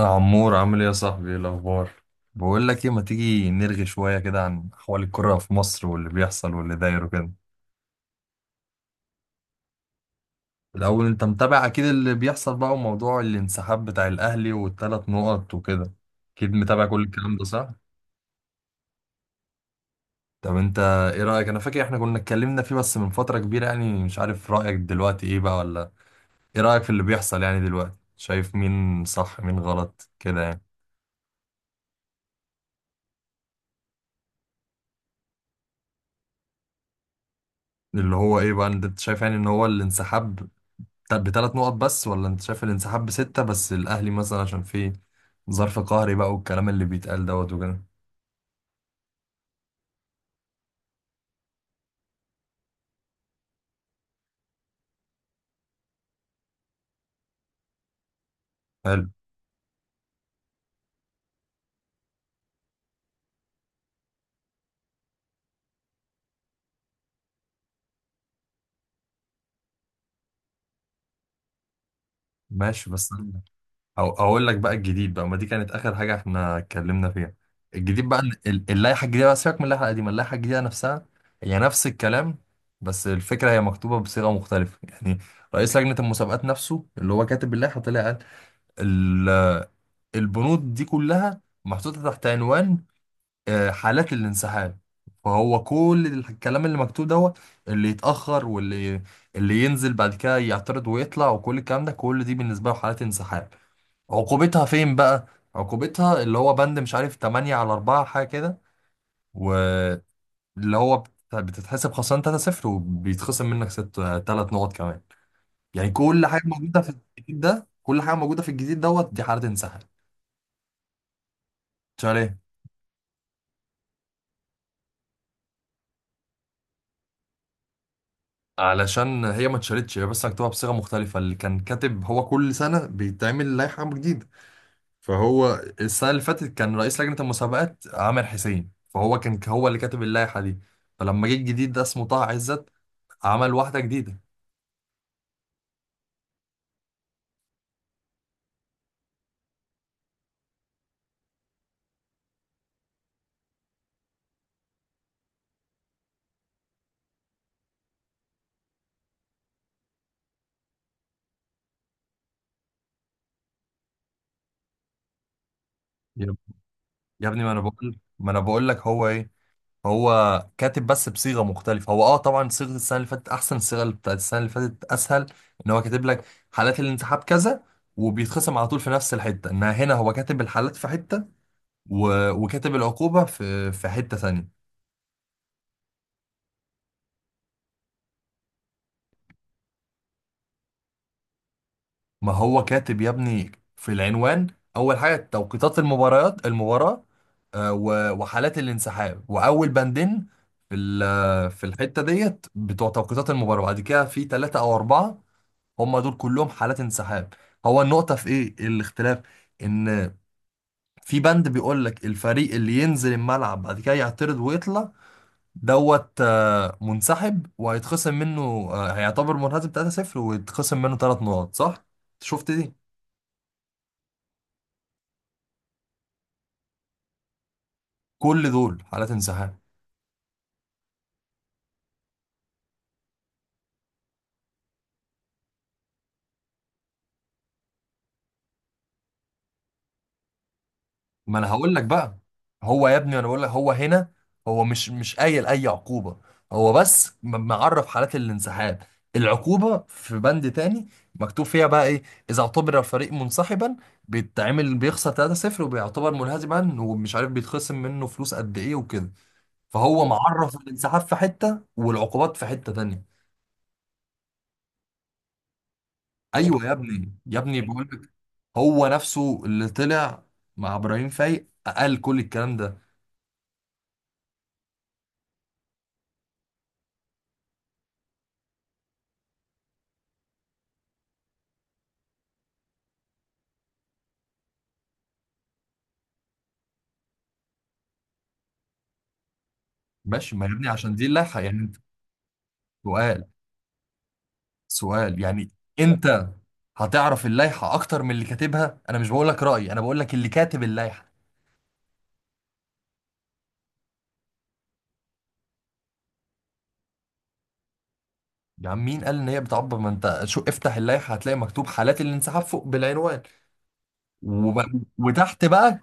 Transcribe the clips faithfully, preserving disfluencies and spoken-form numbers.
يا عمور، عامل ايه يا صاحبي؟ ايه الاخبار؟ بقول لك ايه، ما تيجي نرغي شويه كده عن احوال الكره في مصر واللي بيحصل واللي داير وكده. الاول، انت متابع اكيد اللي بيحصل بقى وموضوع الانسحاب بتاع الاهلي والثلاث نقط وكده. اكيد متابع كل الكلام ده، صح؟ طب انت، ايه رايك؟ انا فاكر احنا كنا اتكلمنا فيه بس من فتره كبيره يعني، مش عارف رايك دلوقتي ايه بقى ولا. ايه رايك في اللي بيحصل يعني دلوقتي؟ شايف مين صح مين غلط كده يعني. اللي هو ايه بقى؟ انت شايف يعني ان هو الانسحاب طب بثلاث نقط بس، ولا انت شايف الانسحاب بستة، بس الاهلي مثلا عشان في ظرف قهري بقى والكلام اللي بيتقال دوت وكده. حلو. ماشي، بس أنا أو اقول لك بقى الجديد، بقى ما دي كانت اخر حاجة احنا اتكلمنا فيها. الجديد بقى ال- ال- اللائحة الجديدة، بقى سيبك من اللائحة القديمة، اللائحة الجديدة نفسها هي نفس الكلام. بس الفكرة هي مكتوبة بصيغة مختلفة يعني. رئيس لجنة المسابقات نفسه اللي هو كاتب اللائحة طلع قال ال- البنود دي كلها محطوطة تحت عنوان آه، حالات الانسحاب. فهو كل الكلام اللي مكتوب دوت، اللي يتأخر واللي اللي ينزل بعد كده يعترض ويطلع وكل الكلام ده، كل دي بالنسبة له حالات انسحاب. عقوبتها فين بقى؟ عقوبتها اللي هو بند مش عارف ثمانية على اربعة حاجة كده، واللي هو بت- بتتحسب خسران ثلاثة صفر وبيتخصم منك ستة ثلاث نقط كمان. يعني كل حاجة موجودة في الجديد ده، كل حاجة موجودة في الجديد دوت دي حالة انسحاب. شايف؟ علشان هي ما اتشالتش، هي بس مكتوبة بصيغة مختلفة. اللي كان كاتب، هو كل سنة بيتعمل لائحة جديدة. فهو السنة اللي فاتت كان رئيس لجنة المسابقات عامر حسين، فهو كان هو اللي كاتب اللائحة دي. فلما جه الجديد ده اسمه طه عزت، عمل واحدة جديدة. يا يا ابني، ما انا بقول ما انا بقول لك هو ايه. هو كاتب بس بصيغة مختلفة، هو اه طبعا صيغة السنة اللي فاتت احسن، الصيغة اللي بتاعت السنة اللي فاتت اسهل، ان هو كاتب لك حالات الانسحاب كذا وبيتخصم على طول في نفس الحتة، انها هنا هو كاتب الحالات في حتة، و... وكاتب العقوبة في في حتة ثانية. ما هو كاتب يا ابني في العنوان، أول حاجة توقيتات المباريات المباراة، آه، و... وحالات الانسحاب، وأول بندين في ال... في الحتة ديت بتوع توقيتات المباراة، بعد كده في ثلاثة أو أربعة، هم دول كلهم حالات انسحاب. هو النقطة في إيه؟ الاختلاف إن في بند بيقول لك الفريق اللي ينزل الملعب بعد كده يعترض ويطلع دوت منسحب وهيتخصم منه، آه، هيعتبر منهزم ثلاثة صفر ويتخصم منه ثلاث نقط، صح؟ شفت دي؟ كل دول حالات انسحاب. ما انا هقول لك بقى، هو يا ابني انا بقول لك هو هنا هو مش مش قايل اي عقوبة. هو بس م- معرف حالات الانسحاب، العقوبة في بند تاني مكتوب فيها بقى ايه. اذا اعتبر الفريق منسحبا، بيتعمل بيخسر ثلاثة صفر وبيعتبر منهزما، ومش عارف بيتخصم منه فلوس قد ايه وكده. فهو معرف الانسحاب في حتة، والعقوبات في حتة تانية. ايوه يا ابني، يا ابني بقول لك هو نفسه اللي طلع مع ابراهيم فايق قال كل الكلام ده. ماشي ما يا ابني عشان دي اللائحه يعني، انت سؤال، سؤال يعني، انت هتعرف اللائحه اكتر من اللي كاتبها؟ انا مش بقول لك رايي، انا بقول لك اللي كاتب اللائحه. يا عم، مين قال ان هي بتعبر؟ ما انت شو افتح اللائحه هتلاقي مكتوب حالات الانسحاب فوق بالعنوان، وب... وتحت بقى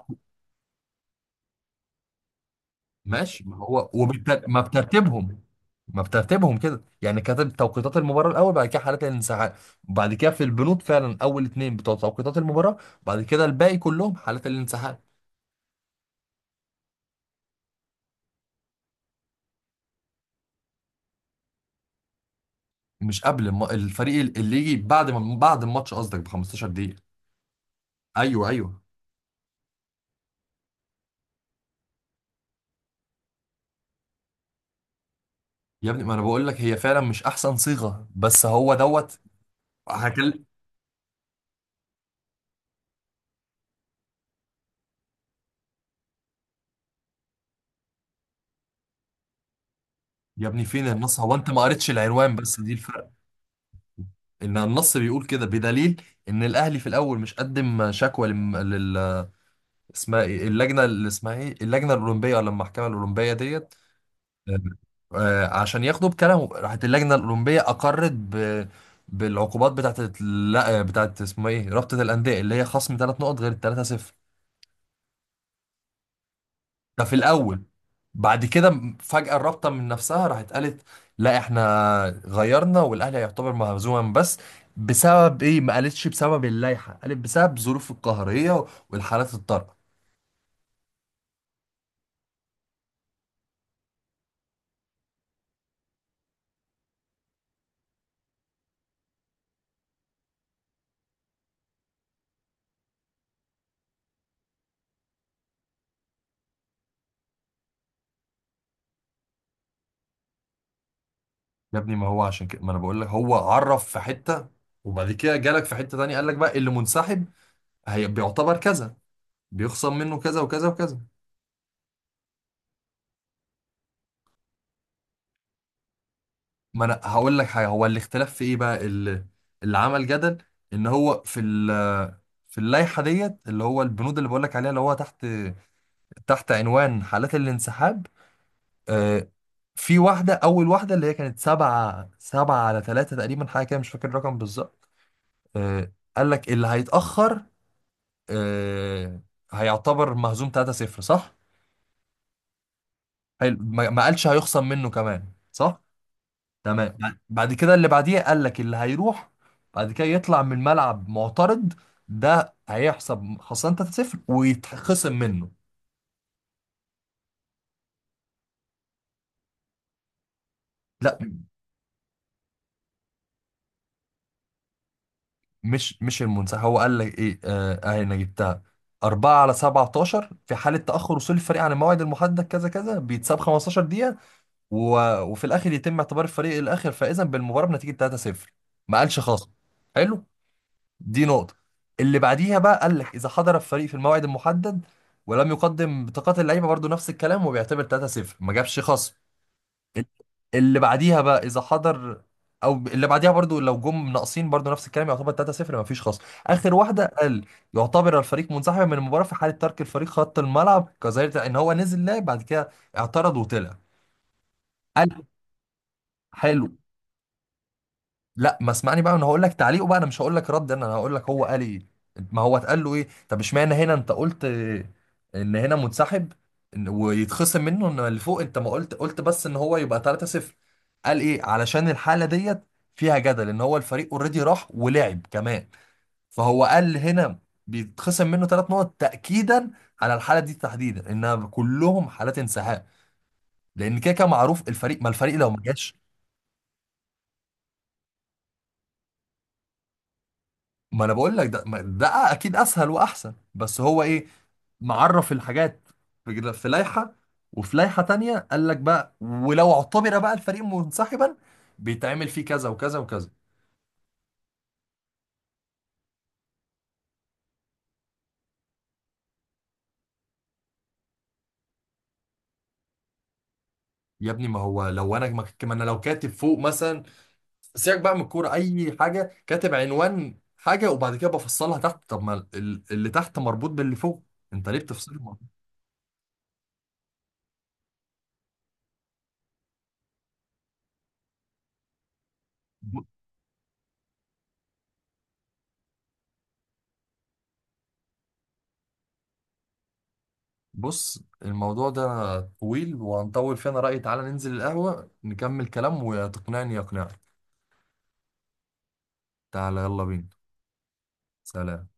ماشي، ما هو وبالت... ما بترتيبهم. ما بترتيبهم كده يعني، كاتب توقيتات المباراة الأول، بعد كده حالات الانسحاب، بعد كده في البنود فعلا أول اتنين بتوع توقيتات المباراة، بعد كده الباقي كلهم حالات الانسحاب. مش قبل الم... الفريق اللي يجي بعد ما بعد الماتش قصدك ب خمستاشر دقيقة. أيوه، أيوه. يا ابني، ما أنا بقول لك هي فعلا مش أحسن صيغة، بس هو دوت هكل. يا ابني، فين النص؟ هو أنت ما قريتش العنوان بس، دي الفرق. إن النص بيقول كده بدليل إن الأهلي في الأول مش قدم شكوى لل... لل... اسمها ايه اللجنه، اللي اسمها ايه، اللجنه الاولمبيه ولا المحكمه الاولمبيه ديت؟ آه، آه، عشان ياخدوا بكلامهم، راحت اللجنه الاولمبيه اقرت ب... بالعقوبات بتاعت ال- لا، بتاعت اسمه ايه، رابطه الانديه اللي هي خصم ثلاث نقط غير الثلاثه صفر. ده في الاول. بعد كده فجاه الرابطه من نفسها راحت قالت لا احنا غيرنا، والاهلي هيعتبر مهزوما بس، بسبب ايه؟ ما قالتش بسبب اللائحه، قالت بسبب ظروف القهريه والحالات الطارئه. يا ابني، ما هو عشان كده ما انا بقول لك هو عرف في حته، وبعد كده جالك في حته تانية قال لك بقى اللي منسحب هي بيعتبر كذا، بيخصم منه كذا وكذا وكذا. ما انا هقول لك حاجه، هو الاختلاف في ايه بقى؟ اللي, اللي عمل جدل ان هو في ال في اللائحه ديت، اللي هو البنود اللي بقول لك عليها اللي هو تحت، تحت عنوان حالات الانسحاب، آه، في واحده اول واحده اللي هي كانت سبعه سبعه على ثلاثه تقريبا حاجه كده، مش فاكر الرقم بالظبط. آه، قال لك اللي هيتاخر آه، هيعتبر مهزوم ثلاثة صفر، صح؟ حلو، ما ما قالش هيخصم منه كمان، صح؟ تمام، بع- بعد كده اللي بعديه قال لك اللي هيروح بعد كده يطلع من الملعب معترض، ده هيحسب خسران ثلاثة صفر ويتخصم منه. لا، مش مش المنسحب هو قال لك ايه، آه، اهي انا جبتها. اربعة على سبعة عشر: في حالة تأخر وصول الفريق عن الموعد المحدد كذا كذا بيتساب خمستاشر دقيقة، و... وفي الآخر يتم اعتبار الفريق الآخر فائزا بالمباراة بنتيجة ثلاثة صفر، ما قالش خاص. حلو، دي نقطة. اللي بعديها بقى قال لك إذا حضر الفريق في الموعد المحدد ولم يقدم بطاقات اللعيبة، برضو نفس الكلام وبيعتبر ثلاثة صفر، ما جابش خصم. اللي بعديها بقى إذا حضر، أو اللي بعديها برضو لو جم ناقصين، برضو نفس الكلام يعتبر ثلاثة صفر، ما فيش خصم. آخر واحدة قال يعتبر الفريق منسحبا من المباراة في حالة ترك الفريق خط الملعب، كظاهرة إن هو نزل لعب بعد كده اعترض وطلع، قال. حلو. لا، ما اسمعني بقى، انا هقول لك تعليقه بقى، انا مش هقول لك رد، انا انا هقول لك هو قال ايه. ما هو اتقال له ايه، طب اشمعنى هنا انت قلت آه، ان هنا منسحب، إن- ويتخصم منه، ان اللي فوق انت ما قلت، قلت بس ان هو يبقى ثلاثة صفر. قال ايه؟ علشان الحالة ديت فيها جدل، ان هو الفريق اوريدي راح ولعب كمان، فهو قال هنا بيتخصم منه ثلاث نقط، تأكيدا على الحالة دي تحديدا انها كلهم حالات انسحاب، لان كده كده معروف الفريق ما الفريق لو ما جاش. ما انا بقول لك ده ما- ده اكيد اسهل واحسن، بس هو ايه معرف الحاجات في في لائحه، وفي لائحه تانية قال لك بقى ولو اعتبر بقى الفريق منسحبا بيتعمل فيه كذا وكذا وكذا. يا ابني، ما هو لو انا ما ما انا لو كاتب فوق مثلا، سيبك بقى من الكوره اي حاجه، كاتب عنوان حاجه وبعد كده بفصلها تحت، طب ما ال- اللي تحت مربوط باللي فوق، انت ليه بتفصله؟ بص، الموضوع ده طويل وهنطول فيه، انا رأيي تعالى ننزل القهوة نكمل كلام، وتقنعني يقنعك. تعالى، يلا بينا. سلام.